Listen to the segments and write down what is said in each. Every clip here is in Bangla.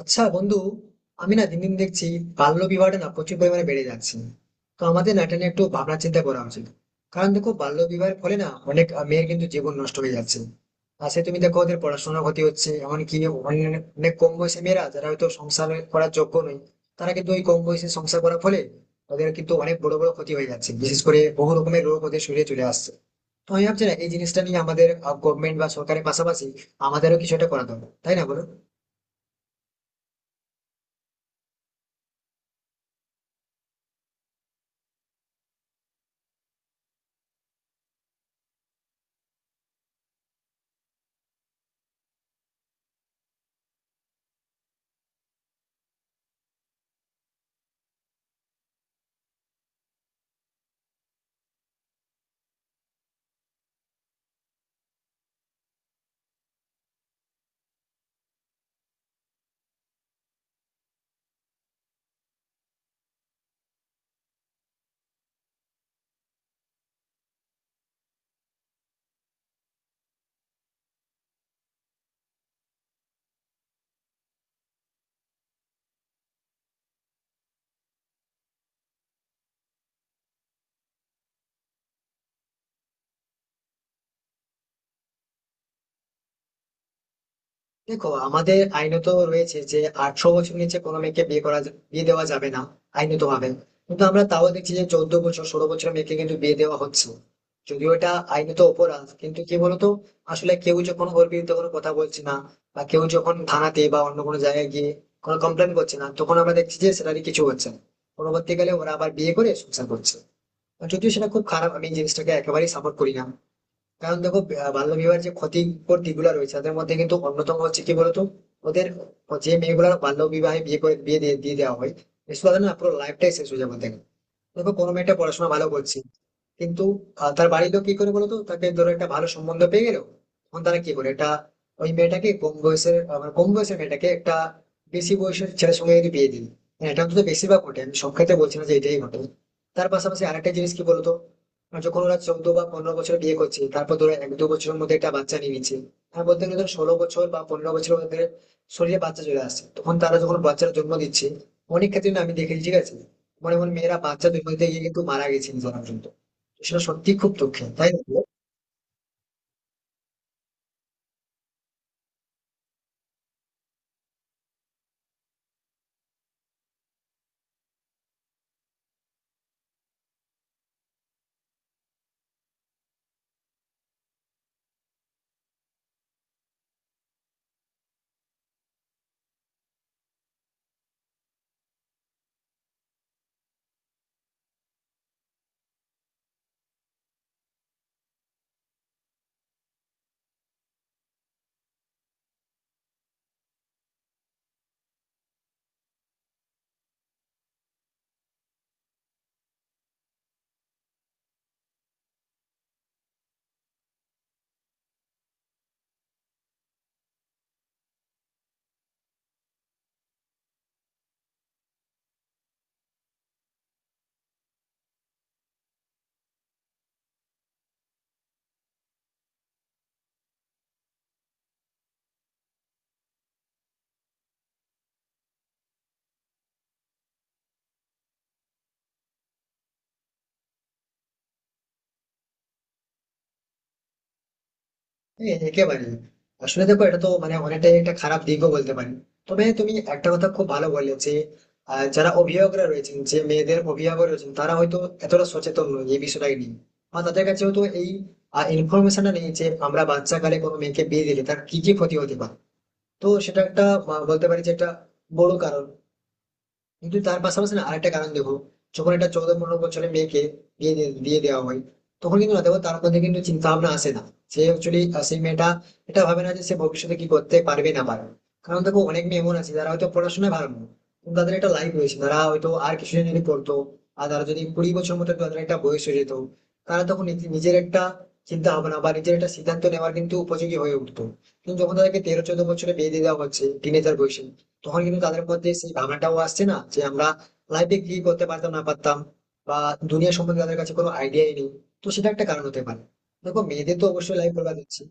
আচ্ছা বন্ধু, আমি না দিন দিন দেখছি বাল্যবিবাহটা না প্রচুর পরিমাণে বেড়ে যাচ্ছে। তো আমাদের না এটা নিয়ে একটু ভাবনা চিন্তা করা উচিত। কারণ দেখো বাল্যবিবাহের ফলে না অনেক মেয়ের কিন্তু জীবন নষ্ট হয়ে যাচ্ছে। আর সে তুমি দেখো ওদের পড়াশোনার ক্ষতি হচ্ছে, এমনকি অনেক অনেক কম বয়সী মেয়েরা যারা হয়তো সংসার করার যোগ্য নয়, তারা কিন্তু ওই কম বয়সে সংসার করার ফলে ওদের কিন্তু অনেক বড় বড় ক্ষতি হয়ে যাচ্ছে, বিশেষ করে বহু রকমের রোগ ওদের শরীরে চলে আসছে। তো আমি ভাবছি না এই জিনিসটা নিয়ে আমাদের গভর্নমেন্ট বা সরকারের পাশাপাশি আমাদেরও কিছু একটা করা দরকার, তাই না বলো? দেখো আমাদের আইনত রয়েছে যে 18 বছর নিচে কোনো মেয়েকে বিয়ে দেওয়া যাবে না, আইনত ভাবে। কিন্তু আমরা তাও দেখছি যে 14 বছর 16 বছর মেয়েকে কিন্তু বিয়ে দেওয়া হচ্ছে। যদিও এটা আইনত অপরাধ, কিন্তু কি বলতো, আসলে কেউ যখন ওর বিরুদ্ধে কোনো কথা বলছে না, বা কেউ যখন থানাতে বা অন্য কোনো জায়গায় গিয়ে কোনো কমপ্লেন করছে না, তখন আমরা দেখছি যে সেটারই কিছু হচ্ছে না। পরবর্তীকালে ওরা আবার বিয়ে করে সংসার করছে। আর যদিও সেটা খুব খারাপ, আমি এই জিনিসটাকে একেবারেই সাপোর্ট করি না। কারণ দেখো, বাল্যবিবাহের যে ক্ষতিকর দিকগুলো রয়েছে তাদের মধ্যে কিন্তু অন্যতম হচ্ছে কি বলতো, ওদের যে মেয়েগুলো বাল্যবিবাহে বিয়ে করে বিয়ে দিয়ে দিয়ে দেওয়া হয় সে তাদের না পুরো লাইফটাই শেষ হয়ে যাবে ওদের। দেখো কোনো মেয়েটা পড়াশোনা ভালো করছে, কিন্তু তার বাড়ির লোক কি করে বলতো, তাকে ধরো একটা ভালো সম্বন্ধ পেয়ে গেল, তখন তারা কি করে এটা ওই মেয়েটাকে কম বয়সের মানে কম বয়সের মেয়েটাকে একটা বেশি বয়সের ছেলের সঙ্গে যদি বিয়ে দিই। হ্যাঁ, এটা অন্তত বেশিরভাগ ঘটে, আমি সব ক্ষেত্রে বলছি না যে এটাই ঘটে। তার পাশাপাশি আরেকটা জিনিস কি বলতো, যখন ওরা 14 বা 15 বছর বিয়ে করছে তারপর ধরো 1-2 বছরের মধ্যে একটা বাচ্চা নিয়ে নিচ্ছে। হ্যাঁ, বলতে গেলে ধরো 16 বছর বা 15 বছরের মধ্যে শরীরে বাচ্চা চলে আসছে, তখন তারা যখন বাচ্চার জন্ম দিচ্ছে, অনেক ক্ষেত্রে না আমি দেখেছি, ঠিক আছে, এমন এমন মেয়েরা বাচ্চা জন্ম দিতে গিয়ে কিন্তু মারা গেছে নিজেরা পর্যন্ত। তো সেটা সত্যি খুব দুঃখের, তাই না বলো? হ্যাঁ, একেবারে। আসলে দেখো এটা তো মানে অনেকটাই একটা খারাপ দিকও বলতে পারি। তবে তুমি একটা কথা খুব ভালো বললে, যে যারা অভিভাবকরা রয়েছেন, যে মেয়েদের অভিভাবক রয়েছেন, তারা হয়তো এতটা সচেতন নয় এই বিষয়টাই নিয়ে, বা তাদের কাছে হয়তো এই ইনফরমেশনটা নেই যে আমরা বাচ্চা কালে কোনো মেয়েকে বিয়ে দিলে তার কি কি ক্ষতি হতে পারে। তো সেটা একটা বলতে পারি যে একটা বড় কারণ। কিন্তু তার পাশাপাশি না আরেকটা কারণ দেখো, যখন একটা 14-15 বছরের মেয়েকে দিয়ে দেওয়া হয় তখন কিন্তু না দেখো তার মধ্যে কিন্তু চিন্তা ভাবনা আসে না। সে অ্যাকচুয়ালি, সেই মেয়েটা এটা ভাবে না যে সে ভবিষ্যতে কি করতে পারবে না পারবে। কারণ দেখো অনেক মেয়ে এমন আছে যারা হয়তো পড়াশোনায় ভালো নয়, কিন্তু তাদের একটা লাইফ রয়েছে, তারা হয়তো আর কিছুদিন যদি পড়তো, আর তারা যদি 20 বছর মতো তাদের একটা বয়স হয়ে যেত, তারা তখন নিজের একটা চিন্তা ভাবনা বা নিজের একটা সিদ্ধান্ত নেওয়ার কিন্তু উপযোগী হয়ে উঠতো। কিন্তু যখন তাদেরকে 13-14 বছরে বিয়ে দিয়ে দেওয়া হচ্ছে টিনেজার বয়সে, তখন কিন্তু তাদের মধ্যে সেই ভাবনাটাও আসছে না যে আমরা লাইফে কি করতে পারতাম না পারতাম, বা দুনিয়া সম্বন্ধে তাদের কাছে কোনো আইডিয়াই নেই। তো সেটা একটা কারণ হতে পারে। দেখো মেয়েদের তো অবশ্যই লাইফ বরবাদ হচ্ছে।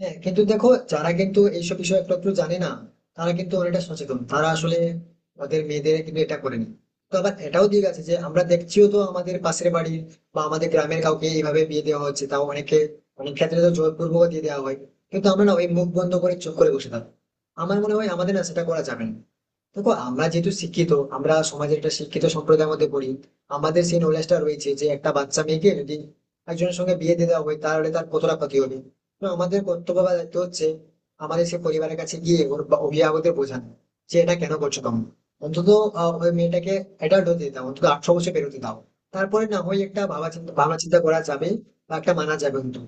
হ্যাঁ, কিন্তু দেখো যারা কিন্তু এইসব বিষয়ে একটু একটু জানে না, তারা কিন্তু অনেকটা সচেতন, তারা আসলে তাদের মেয়েদের কিন্তু এটা করেনি। তো আবার এটাও দিক আছে যে আমরা দেখছিও তো আমাদের পাশের বাড়ির বা আমাদের গ্রামের কাউকে এইভাবে বিয়ে দেওয়া হচ্ছে, তাও অনেকে অনেক ক্ষেত্রে তো জোরপূর্বক দিয়ে দেওয়া হয়, কিন্তু আমরা না ওই মুখ বন্ধ করে চুপ করে বসে থাকি। আমার মনে হয় আমাদের না সেটা করা যাবে না। দেখো আমরা যেহেতু শিক্ষিত, আমরা সমাজের একটা শিক্ষিত সম্প্রদায়ের মধ্যে পড়ি, আমাদের সেই নলেজটা রয়েছে যে একটা বাচ্চা মেয়েকে যদি একজনের সঙ্গে বিয়ে দিয়ে দেওয়া হয় তাহলে তার কতটা ক্ষতি হবে। তো আমাদের কর্তব্য বা দায়িত্ব হচ্ছে আমাদের সেই পরিবারের কাছে গিয়ে ওর বা অভিভাবকদের বোঝানো যে এটা কেন করছো তুমি, অন্তত ওই মেয়েটাকে অ্যাডাল্ট হতে দাও, অন্তত 18 বছর পেরোতে দাও, তারপরে না হয় একটা ভাবা চিন্তা ভাবনা চিন্তা করা যাবে বা একটা মানা যাবে। কিন্তু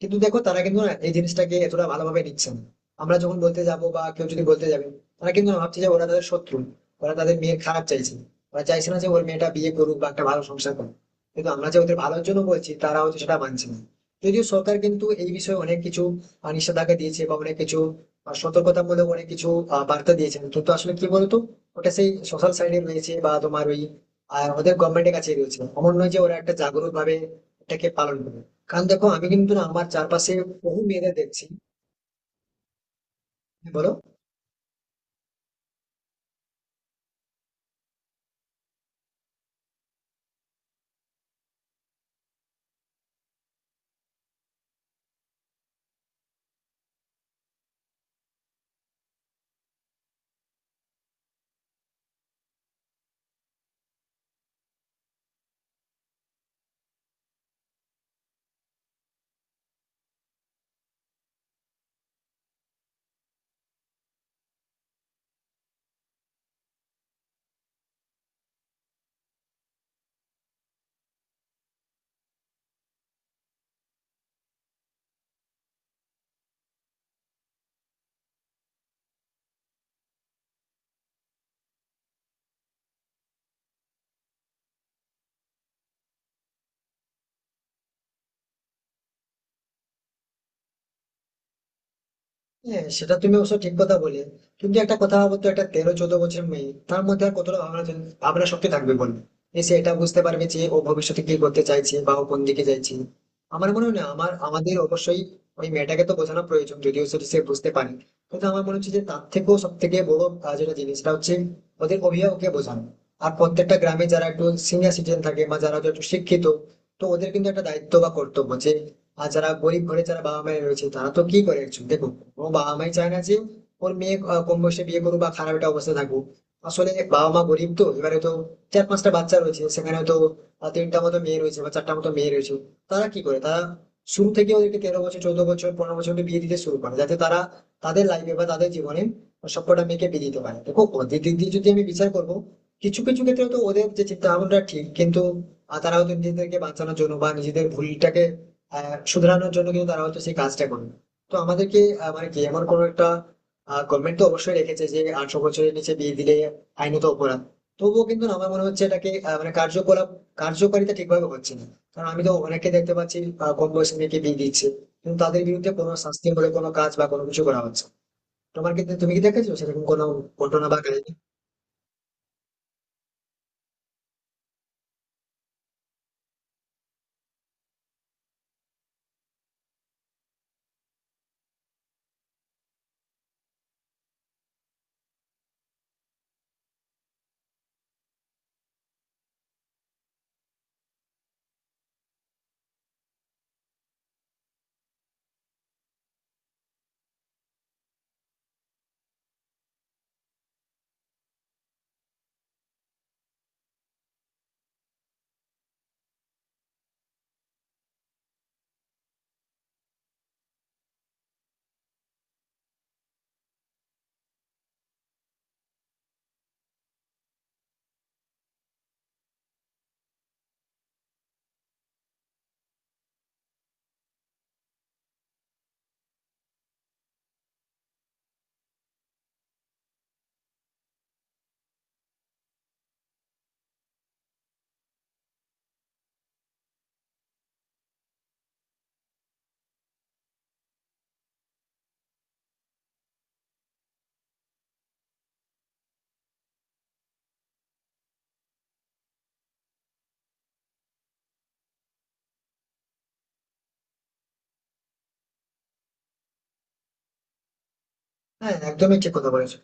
কিন্তু দেখো তারা কিন্তু না এই জিনিসটাকে এতটা ভালোভাবে নিচ্ছে না। আমরা যখন বলতে যাব বা কেউ যদি বলতে যাবে, তারা কিন্তু ভাবছে যে ওরা তাদের শত্রু, ওরা তাদের মেয়ের খারাপ চাইছে, ওরা চাইছে না যে ওর মেয়েটা বিয়ে করুক বা একটা ভালো সংসার করুক। কিন্তু আমরা যে ওদের ভালোর জন্য বলছি, তারা হচ্ছে সেটা মানছে না। যদিও সরকার কিন্তু এই বিষয়ে অনেক কিছু নিষেধাজ্ঞা দিয়েছে বা অনেক কিছু সতর্কতামূলক অনেক কিছু বার্তা দিয়েছেন, কিন্তু আসলে কি বলতো, ওটা সেই সোশ্যাল সাইডে রয়েছে বা তোমার ওই আর ওদের গভর্নমেন্টের কাছে রয়েছে, এমন নয় যে ওরা একটা জাগরুক ভাবে এটাকে পালন করে। কারণ দেখো আমি কিন্তু না আমার চারপাশে বহু মেয়েদের দেখছি। হ্যাঁ, বলো। হ্যাঁ, সেটা তুমি অবশ্য ঠিক কথা বলে। কিন্তু একটা কথা বলতো, একটা 13-14 বছর মেয়ে তার মধ্যে আর কতটা ভাবনা শক্তি থাকবে বল? এই সে এটা বুঝতে পারবে যে ও ভবিষ্যতে কি করতে চাইছে বা ও কোন দিকে চাইছে? আমার মনে হয় না, আমার আমাদের অবশ্যই ওই মেয়েটাকে তো বোঝানো প্রয়োজন, যদিও সেটা সে বুঝতে পারে। কিন্তু আমার মনে হচ্ছে যে তার থেকেও সব থেকে বড় যেটা জিনিসটা হচ্ছে ওদের অভিভাবককে বোঝানো। আর প্রত্যেকটা গ্রামে যারা একটু সিনিয়র সিটিজেন থাকে বা যারা হয়তো একটু শিক্ষিত, তো ওদের কিন্তু একটা দায়িত্ব বা কর্তব্য যে, আর যারা গরিব ঘরে যারা বাবা মায়ের রয়েছে তারা তো কি করে, একজন দেখো ও বাবা মাই চায় না যে ওর মেয়ে কম বয়সে বিয়ে করুক বা খারাপ একটা অবস্থা থাকুক। আসলে বাবা মা গরিব তো, এবারে তো চার পাঁচটা বাচ্চা রয়েছে, সেখানে তো তিনটা মতো মেয়ে রয়েছে বা চারটা মতো মেয়ে রয়েছে, তারা কি করে তারা শুরু থেকে ওদেরকে 13 বছর 14 বছর 15 বছর অবধি বিয়ে দিতে শুরু করে, যাতে তারা তাদের লাইফে বা তাদের জীবনে সবকটা মেয়েকে বিয়ে দিতে পারে। দেখো ওদের দিক দিয়ে যদি আমি বিচার করবো, কিছু কিছু ক্ষেত্রে তো ওদের যে চিন্তা ভাবনাটা ঠিক, কিন্তু আর তারা হয়তো নিজেদেরকে বাঁচানোর জন্য বা নিজেদের ভুলটাকে শুধরানোর জন্য কিন্তু তারা হয়তো সেই কাজটা করে না। তো আমাদেরকে মানে কি এমন কোনো একটা, গভর্নমেন্ট তো অবশ্যই রেখেছে যে 18 বছরের নিচে বিয়ে দিলে আইনত অপরাধ, তবুও কিন্তু না, আমার মনে হচ্ছে এটাকে মানে কার্যকলাপ কার্যকারিতা ঠিকভাবে হচ্ছে না। কারণ আমি তো অনেককে দেখতে পাচ্ছি কম বয়সী মেয়েকে বিয়ে দিচ্ছে, কিন্তু তাদের বিরুদ্ধে কোনো শাস্তি বলে কোনো কাজ বা কোনো কিছু করা হচ্ছে। তোমার কি, তুমি কি দেখেছো সেরকম কোনো ঘটনা বা কাহিনী? হ্যাঁ, একদমই ঠিক কথা বলেছো।